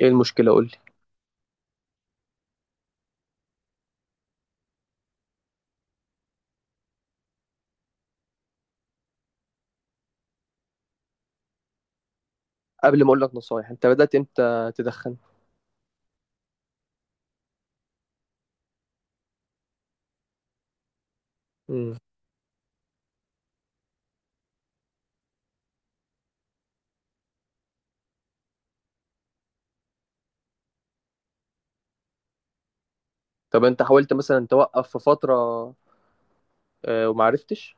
ايه المشكلة؟ قول لي. قبل ما اقول لك نصايح، انت بدأت امتى تدخن؟ امم طب انت حاولت مثلا توقف في فترة؟ وما عرفتش.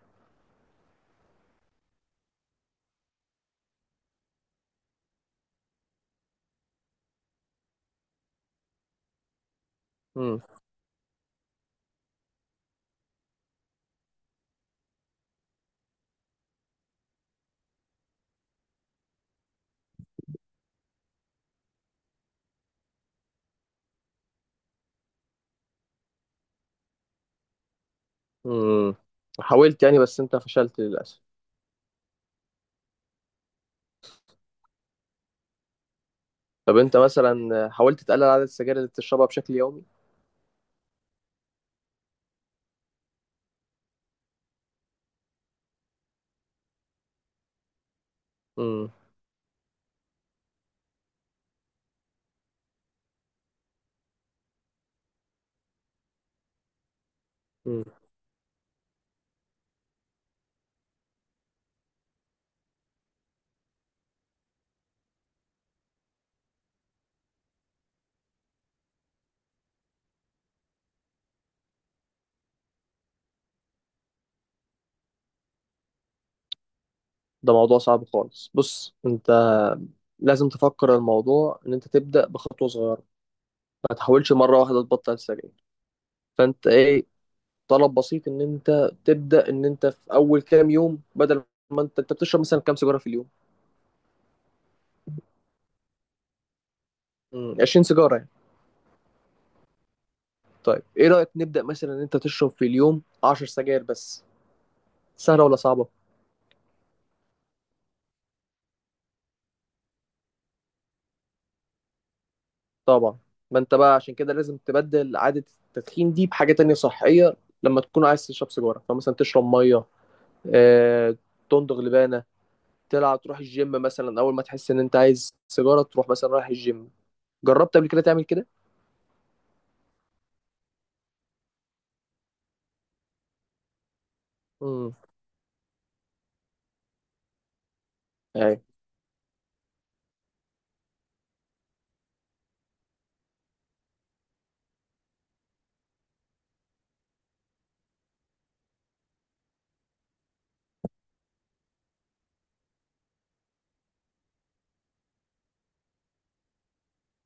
امم امم حاولت يعني، بس انت فشلت للأسف. طب انت مثلا حاولت تقلل عدد السجاير اللي بتشربها بشكل يومي؟ امم امم ده موضوع صعب خالص. بص انت لازم تفكر الموضوع ان انت تبدأ بخطوة صغيرة. ما تحاولش مرة واحدة تبطل السجاير. فانت ايه، طلب بسيط ان انت تبدأ، ان انت في اول كام يوم، بدل ما انت بتشرب مثلا كام سيجارة في اليوم؟ 20 سيجاره يعني. طيب، ايه رايك نبدا مثلا ان انت تشرب في اليوم 10 سجاير بس؟ سهله ولا صعبه؟ طبعا. ما انت بقى عشان كده لازم تبدل عاده التدخين دي بحاجه تانية صحيه. لما تكون عايز تشرب سيجاره فمثلا تشرب ميه، آه، تندغ لبانه، تلعب، تروح الجيم مثلا. اول ما تحس ان انت عايز سيجاره تروح مثلا رايح الجيم. جربت قبل كده تعمل كده؟ امم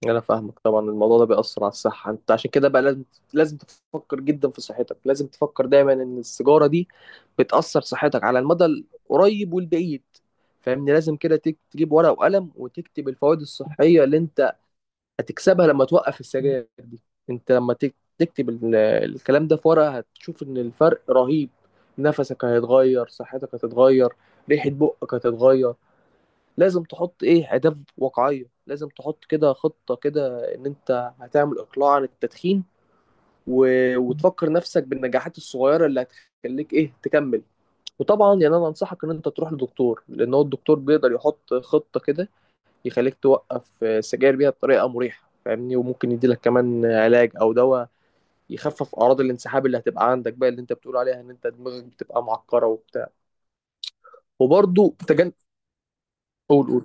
يعني انا فاهمك طبعا. الموضوع ده بيأثر على الصحة. انت عشان كده بقى لازم، لازم تفكر جدا في صحتك. لازم تفكر دايما ان السيجارة دي بتأثر صحتك على المدى القريب والبعيد. فاهمني؟ لازم كده تجيب ورقة وقلم وتكتب الفوائد الصحية اللي انت هتكسبها لما توقف السجاير دي. انت لما تكتب الكلام ده في ورقة، هتشوف ان الفرق رهيب. نفسك هيتغير، صحتك هتتغير، ريحة بقك هتتغير. لازم تحط ايه اهداف واقعيه. لازم تحط كده خطه كده ان انت هتعمل اقلاع عن التدخين. و... وتفكر نفسك بالنجاحات الصغيره اللي هتخليك ايه تكمل. وطبعا يعني انا انصحك ان انت تروح لدكتور، لان هو الدكتور بيقدر يحط خطه كده يخليك توقف السجاير بيها بطريقه مريحه، فاهمني؟ وممكن يديلك كمان علاج او دواء يخفف اعراض الانسحاب اللي هتبقى عندك بقى، اللي انت بتقول عليها ان انت دماغك بتبقى معكره وبتاع. وبرضه تجنب. قول، قول.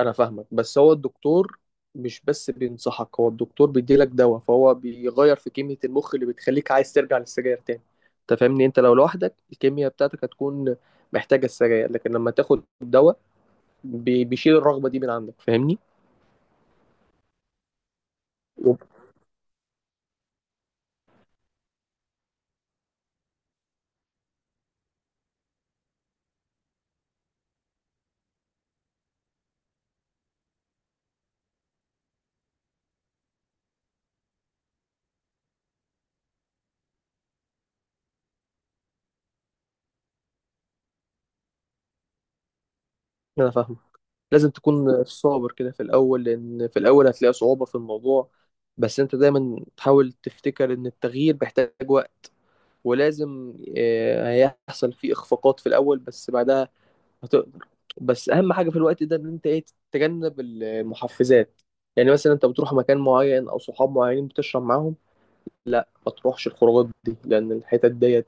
انا فاهمك. بس هو الدكتور مش بس بينصحك، هو الدكتور بيديلك دواء، فهو بيغير في كمية المخ اللي بتخليك عايز ترجع للسجاير تاني. انت فاهمني؟ انت لو لوحدك الكيمياء بتاعتك هتكون محتاجة السجاير، لكن لما تاخد دواء بيشيل الرغبة دي من عندك، فاهمني؟ وب- انا فاهمك. لازم تكون صابر كده في الاول، لان في الاول هتلاقي صعوبة في الموضوع. بس انت دايما تحاول تفتكر ان التغيير بيحتاج وقت، ولازم هيحصل فيه اخفاقات في الاول، بس بعدها هتقدر. بس اهم حاجه في الوقت ده ان انت ايه، تتجنب المحفزات. يعني مثلا انت بتروح مكان معين او صحاب معينين بتشرب معاهم، ما تروحش الخروجات دي، لان الحتت ديت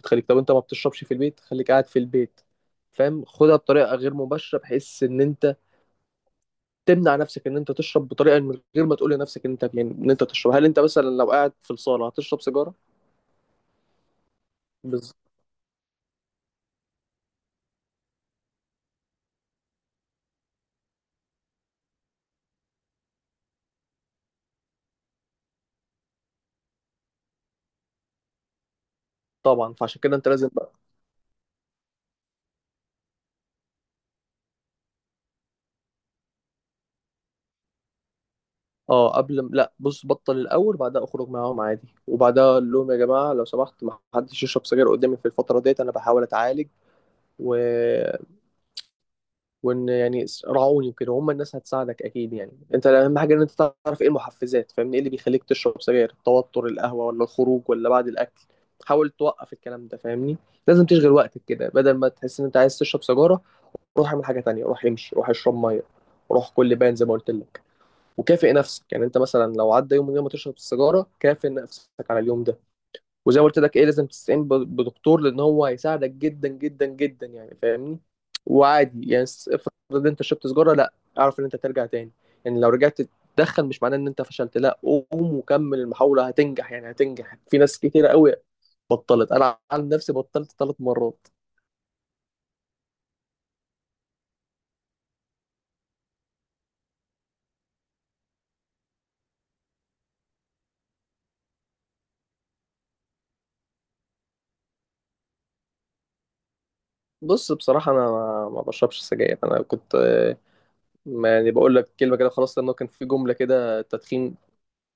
بتخليك. طب انت ما بتشربش في البيت، خليك قاعد في البيت. فاهم؟ خدها بطريقه غير مباشره بحيث ان انت تمنع نفسك ان انت تشرب بطريقه، من غير ما تقول لنفسك ان انت يعني ان انت تشرب. هل انت مثلا لو قاعد في الصاله هتشرب سيجاره؟ بالظبط. طبعا، فعشان كده انت لازم. اه، لا، بص، بطل الاول، بعدها اخرج معاهم عادي، وبعدها اقول لهم يا جماعه لو سمحت ما حدش يشرب سجاير قدامي في الفتره ديت، انا بحاول اتعالج. و... وان يعني راعوني وكده، هم الناس هتساعدك اكيد يعني. انت اهم حاجه ان انت تعرف ايه المحفزات، فاهمني؟ ايه اللي بيخليك تشرب سجاير؟ التوتر، القهوه، ولا الخروج، ولا بعد الاكل؟ حاول توقف الكلام ده، فاهمني؟ لازم تشغل وقتك كده بدل ما تحس ان انت عايز تشرب سجاره. روح اعمل حاجه تانية، روح امشي، روح اشرب ميه، روح كل بان زي ما قلت لك. وكافئ نفسك. يعني انت مثلا لو عدى يوم من غير ما تشرب السيجاره، كافئ نفسك على اليوم ده. وزي ما قلت لك ايه، لازم تستعين بدكتور، لان هو هيساعدك جدا جدا جدا يعني، فاهمني؟ وعادي يعني افرض انت شربت سيجاره، لا، اعرف ان انت ترجع تاني. يعني لو رجعت تدخن مش معناه ان انت فشلت، لا. قوم وكمل المحاوله، هتنجح يعني، هتنجح. في ناس كتير قوي بطلت. انا عن نفسي بطلت ثلاث مرات. بص، بصراحه انا ما بشربش سجاير. انا كنت ما يعني بقول لك كلمه كده خلاص، لانه كان في جمله كده تدخين.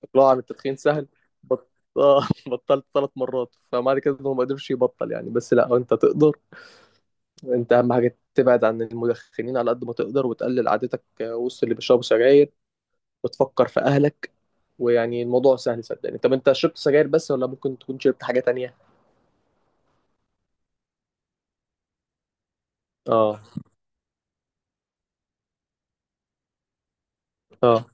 اقلاعه عن التدخين سهل. بط... آه، بطلت ثلاث مرات، فمعنى كده انه ما قدرش يبطل يعني، بس لا، انت تقدر. انت اهم حاجه تبعد عن المدخنين على قد ما تقدر، وتقلل عادتك وسط اللي بيشربوا سجاير، وتفكر في اهلك. ويعني الموضوع سهل، صدقني. طب انت شربت سجاير بس، ولا ممكن تكون شربت حاجه تانية؟ اه. اه.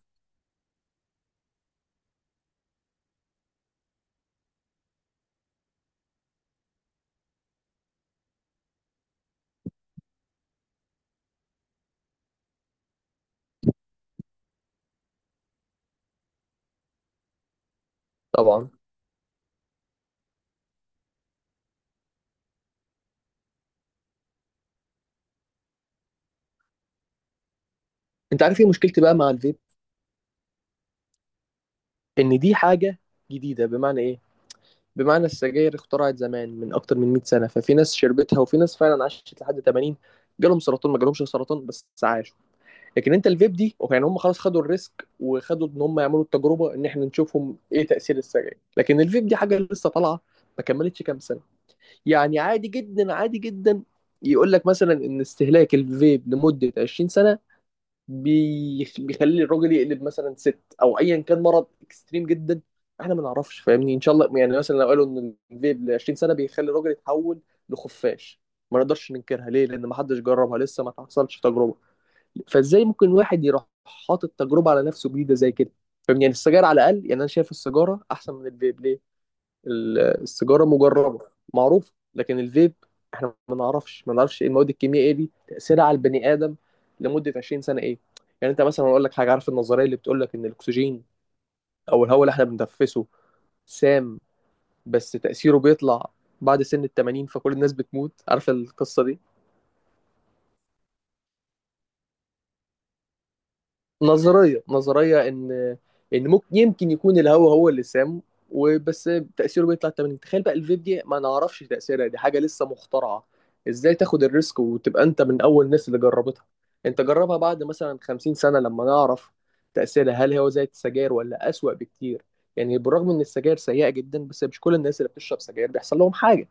طبعا. انت عارف ايه مشكلتي بقى مع الفيب؟ ان دي حاجه جديده. بمعنى ايه؟ بمعنى السجاير اخترعت زمان من اكتر من 100 سنه، ففي ناس شربتها وفي ناس فعلا عاشت لحد 80. جالهم سرطان، ما جالهمش سرطان، بس عاشوا. لكن انت الفيب دي يعني، هم خلاص خدوا الريسك وخدوا ان هم يعملوا التجربه ان احنا نشوفهم ايه تاثير السجاير. لكن الفيب دي حاجه لسه طالعه، ما كملتش كام سنه. يعني عادي جدا عادي جدا يقول لك مثلا ان استهلاك الفيب لمده 20 سنه بيخلي الراجل يقلب مثلا ست، او ايا كان مرض اكستريم جدا. احنا ما نعرفش، فاهمني؟ ان شاء الله يعني، مثلا لو قالوا ان الفيب ل 20 سنه بيخلي الراجل يتحول لخفاش، ما نقدرش ننكرها. ليه؟ لان ما حدش جربها لسه، ما تحصلش تجربه. فازاي ممكن واحد يروح حاطط تجربه على نفسه جديده زي كده؟ فاهمني يعني. السجاير على الاقل، يعني انا شايف السيجاره احسن من الفيب. ليه؟ السيجاره مجربه، معروفه. لكن الفيب احنا ما نعرفش ايه المواد الكيميائيه دي تاثيرها على البني ادم لمده 20 سنه ايه. يعني انت مثلا اقول لك حاجه. عارف النظريه اللي بتقول لك ان الاكسجين او الهواء اللي احنا بنتنفسه سام، بس تاثيره بيطلع بعد سن ال 80 فكل الناس بتموت؟ عارف القصه دي؟ نظرية إن ممكن يمكن يكون الهوا هو اللي سام وبس، تأثيره بيطلع 80. تخيل بقى الفيب دي ما نعرفش تأثيرها، دي حاجة لسه مخترعة. إزاي تاخد الريسك وتبقى أنت من أول الناس اللي جربتها؟ أنت جربها بعد مثلا 50 سنة لما نعرف تأثيرها، هل هو زي السجاير ولا أسوأ بكتير؟ يعني بالرغم إن السجاير سيئة جدا، بس مش كل الناس اللي بتشرب سجاير بيحصل لهم حاجة.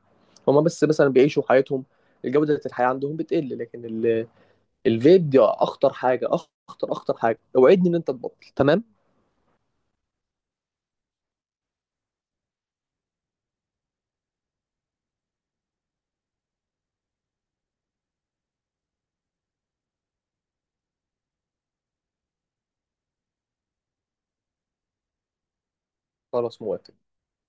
هما بس مثلا بيعيشوا حياتهم، الجودة الحياة عندهم بتقل. لكن الفيب دي اخطر حاجه، اخطر اخطر حاجه. اوعدني ان انت تبطل، تمام؟ خلاص موافق.